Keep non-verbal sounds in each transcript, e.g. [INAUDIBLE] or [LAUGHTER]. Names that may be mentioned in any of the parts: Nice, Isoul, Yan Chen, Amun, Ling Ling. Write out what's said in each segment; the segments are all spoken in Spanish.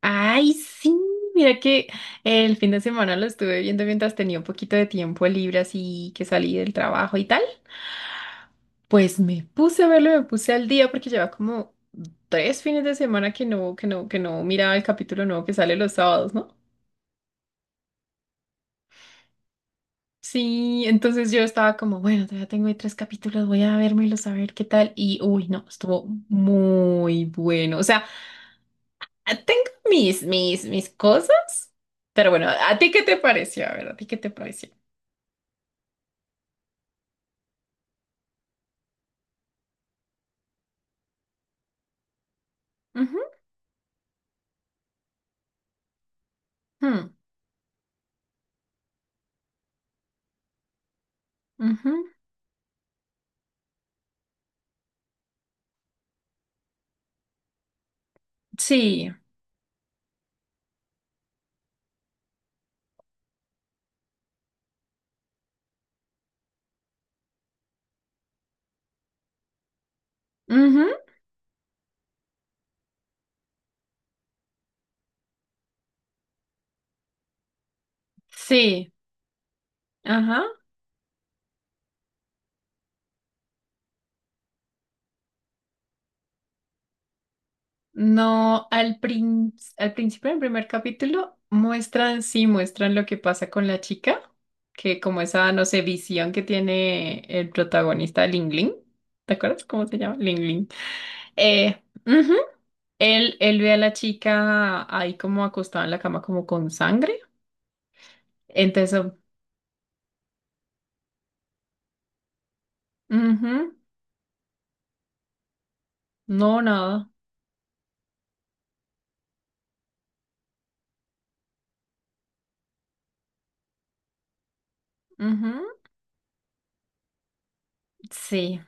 Ay, sí, mira que el fin de semana lo estuve viendo mientras tenía un poquito de tiempo libre, así que salí del trabajo y tal. Pues me puse a verlo, me puse al día porque lleva como tres fines de semana que no, que no miraba el capítulo nuevo que sale los sábados, ¿no? Sí, entonces yo estaba como, bueno, todavía tengo ahí tres capítulos, voy a vérmelos a ver qué tal. Y uy, no, estuvo muy bueno. O sea, tengo mis cosas, pero bueno, ¿a ti qué te pareció? A ver, ¿a ti qué te pareció? Hmm, ujú. Sí, ujú, sí, ajá. No, al prin- al principio del primer capítulo muestran, sí, muestran lo que pasa con la chica, que como esa, no sé, visión que tiene el protagonista, Ling Ling, ¿te acuerdas cómo se llama? Ling Ling. Ujú. Él ve a la chica ahí como acostada en la cama como con sangre, entonces, ujú. No, nada, ujú. Sí.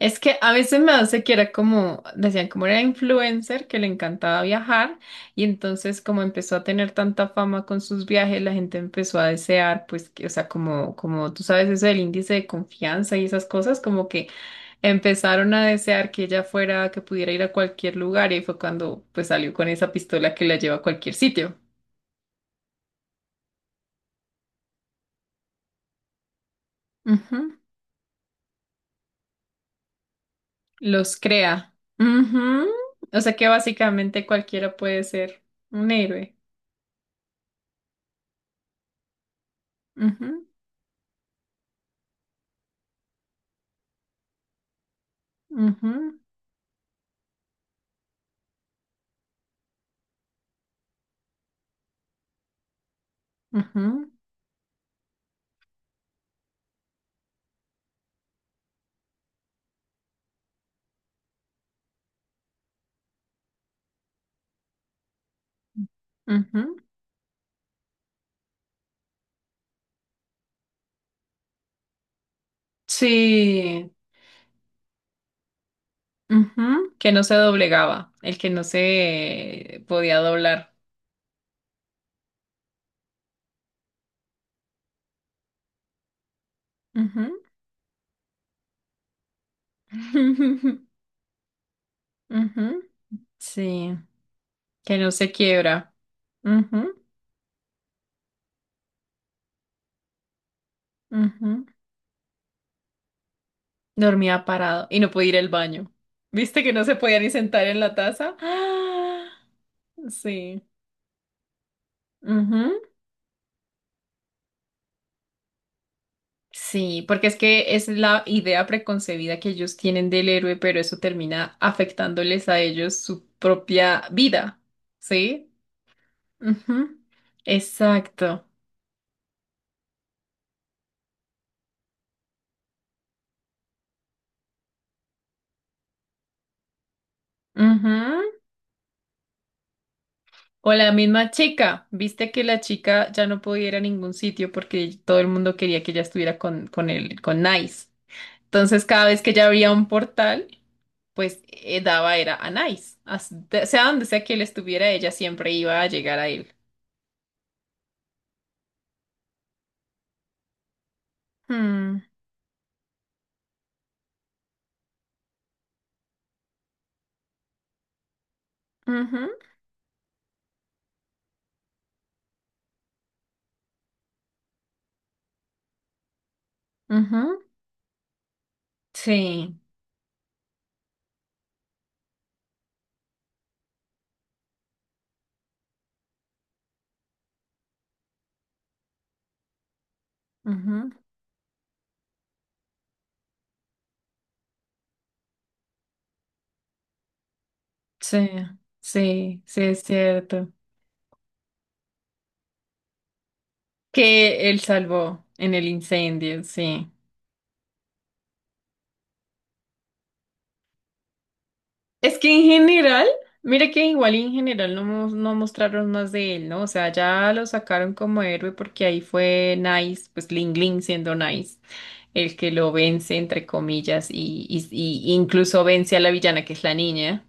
Es que a veces me hace que era como, decían como era influencer, que le encantaba viajar y entonces como empezó a tener tanta fama con sus viajes, la gente empezó a desear, pues, que, o sea, como, como tú sabes eso del índice de confianza y esas cosas, como que empezaron a desear que ella fuera, que pudiera ir a cualquier lugar y ahí fue cuando pues salió con esa pistola que la lleva a cualquier sitio. Ujú. Los crea. Ujú. O sea que básicamente cualquiera puede ser un héroe. Ujú, ujú. Ujú, ujú. Sí, ujú. Que no se doblegaba, el que no se podía doblar. Ujú. [LAUGHS] Ujú. Sí, que no se quiebra. Ujú, ujú. Dormía parado y no podía ir al baño. ¿Viste que no se podía ni sentar en la taza? [GASPS] ¡Ah! Sí. Sí, porque es que es la idea preconcebida que ellos tienen del héroe, pero eso termina afectándoles a ellos su propia vida, ¿sí? Ujú. Exacto. Ujú. O la misma chica, viste que la chica ya no podía ir a ningún sitio porque todo el mundo quería que ella estuviera con Nice. Entonces, cada vez que ella abría un portal, pues daba era a Nice. Sea donde sea que él estuviera, ella siempre iba a llegar a él. Hmm, ujú. Ujú. Sí, ujú. Sí, sí, es cierto. Que él salvó en el incendio, sí. Es que en general, mire que igual y en general no, no mostraron más de él, ¿no? O sea, ya lo sacaron como héroe porque ahí fue Nice, pues Ling Ling siendo Nice, el que lo vence, entre comillas, y, y incluso vence a la villana que es la niña.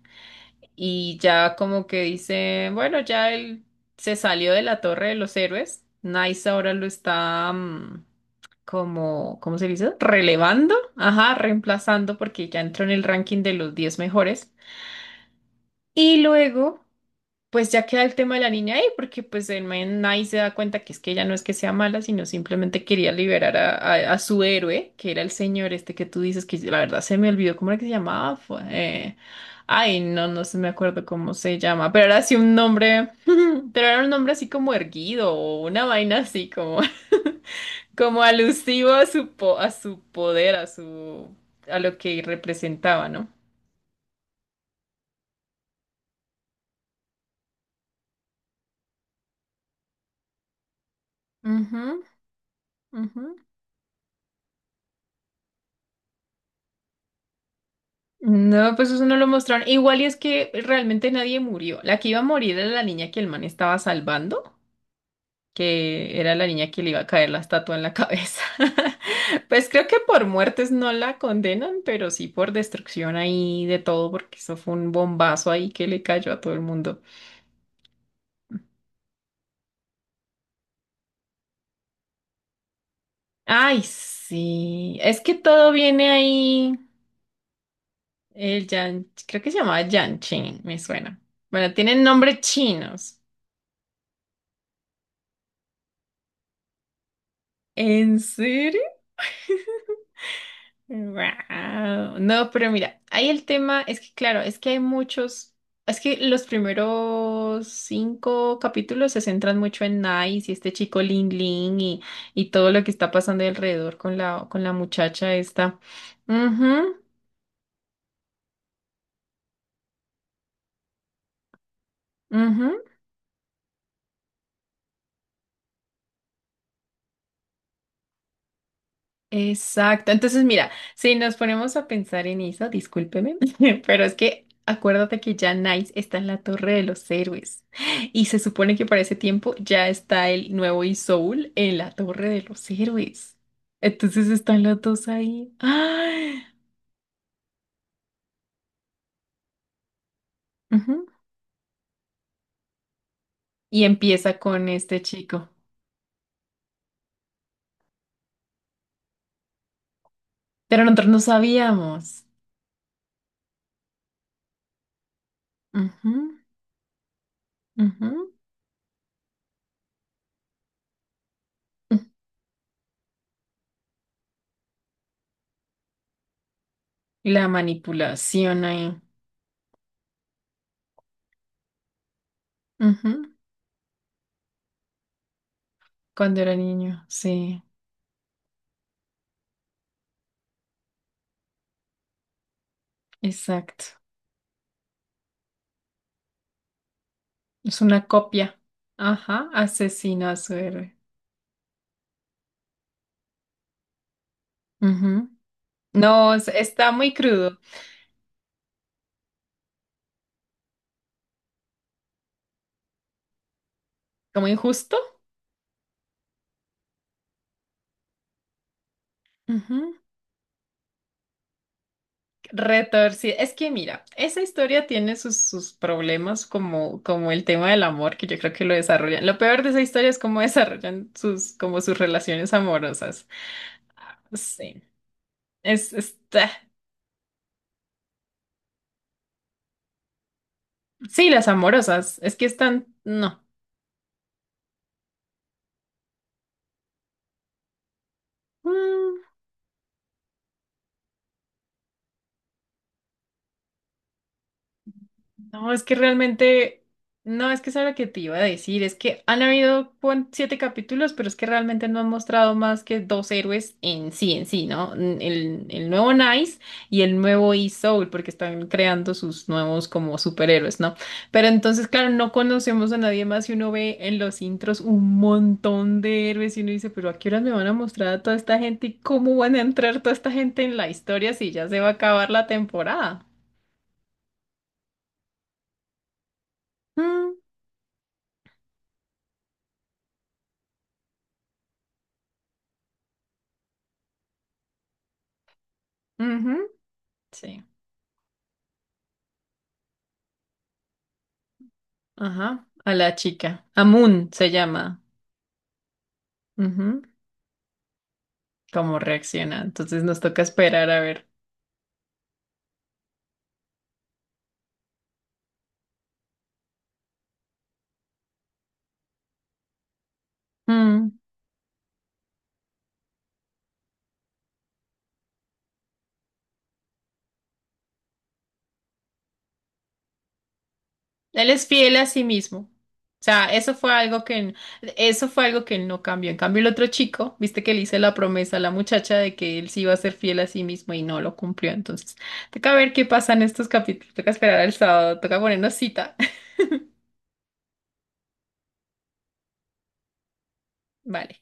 Y ya como que dice, bueno, ya él se salió de la Torre de los Héroes. Nice ahora lo está como, ¿cómo se dice? Relevando, ajá, reemplazando porque ya entró en el ranking de los 10 mejores. Y luego pues ya queda el tema de la niña ahí, porque pues el man ahí se da cuenta que es que ella no es que sea mala, sino simplemente quería liberar a, a su héroe, que era el señor este que tú dices, que la verdad se me olvidó cómo era que se llamaba. Fue, ay, no, no se me acuerdo cómo se llama, pero era así un nombre, [LAUGHS] pero era un nombre así como erguido o una vaina así como, [LAUGHS] como alusivo a su, a su poder, a su, a lo que representaba, ¿no? Ujú, ujú. No, pues eso no lo mostraron. Igual y es que realmente nadie murió. La que iba a morir era la niña que el man estaba salvando, que era la niña que le iba a caer la estatua en la cabeza. [LAUGHS] Pues creo que por muertes no la condenan, pero sí por destrucción ahí de todo, porque eso fue un bombazo ahí que le cayó a todo el mundo. Ay, sí. Es que todo viene ahí. El Yan, creo que se llamaba Yan Chen, me suena. Bueno, tienen nombres chinos. ¿En serio? Guau. No, pero mira, ahí el tema es que, claro, es que hay muchos, es que los primeros 5 capítulos se centran mucho en Nice y este chico Lin Lin y todo lo que está pasando alrededor con la muchacha esta. Ujú, ujú. Exacto. Entonces, mira, si nos ponemos a pensar en eso, discúlpeme, [LAUGHS] pero es que acuérdate que ya Nice está en la Torre de los Héroes y se supone que para ese tiempo ya está el nuevo Isoul en la Torre de los Héroes. Entonces están los dos ahí. ¡Ay! Ujú. Y empieza con este chico. Pero nosotros no sabíamos. Ujú, ujú. La manipulación ahí. Ujú. Cuando era niño, sí, exacto. Es una copia. Ajá, asesino a su héroe. Ujú. No, está muy crudo, como injusto. Ujú. Retorcido. Es que mira, esa historia tiene sus problemas como, como el tema del amor, que yo creo que lo desarrollan. Lo peor de esa historia es cómo [LAUGHS] desarrollan sus, como sus relaciones amorosas. Ah, sí, está. Sí, las amorosas. Es que están. No. Mm, No, es que realmente, no, es que eso era lo que te iba a decir, es que han habido 7 capítulos, pero es que realmente no han mostrado más que dos héroes en sí, ¿no? El nuevo Nice y el nuevo E-Soul, porque están creando sus nuevos como superhéroes, ¿no? Pero entonces, claro, no conocemos a nadie más y uno ve en los intros un montón de héroes y uno dice, pero ¿a qué horas me van a mostrar a toda esta gente y cómo van a entrar toda esta gente en la historia si ya se va a acabar la temporada? Mm, ujú, sí. Ajá, a la chica. Amun se llama. Ujú. ¿Cómo reacciona? Entonces nos toca esperar a ver. Mm. Él es fiel a sí mismo. O sea, eso fue algo que, eso fue algo que él no cambió. En cambio, el otro chico, viste que le hice la promesa a la muchacha de que él sí iba a ser fiel a sí mismo y no lo cumplió. Entonces, toca ver qué pasa en estos capítulos. Toca esperar al sábado, toca ponernos cita. [LAUGHS] Vale.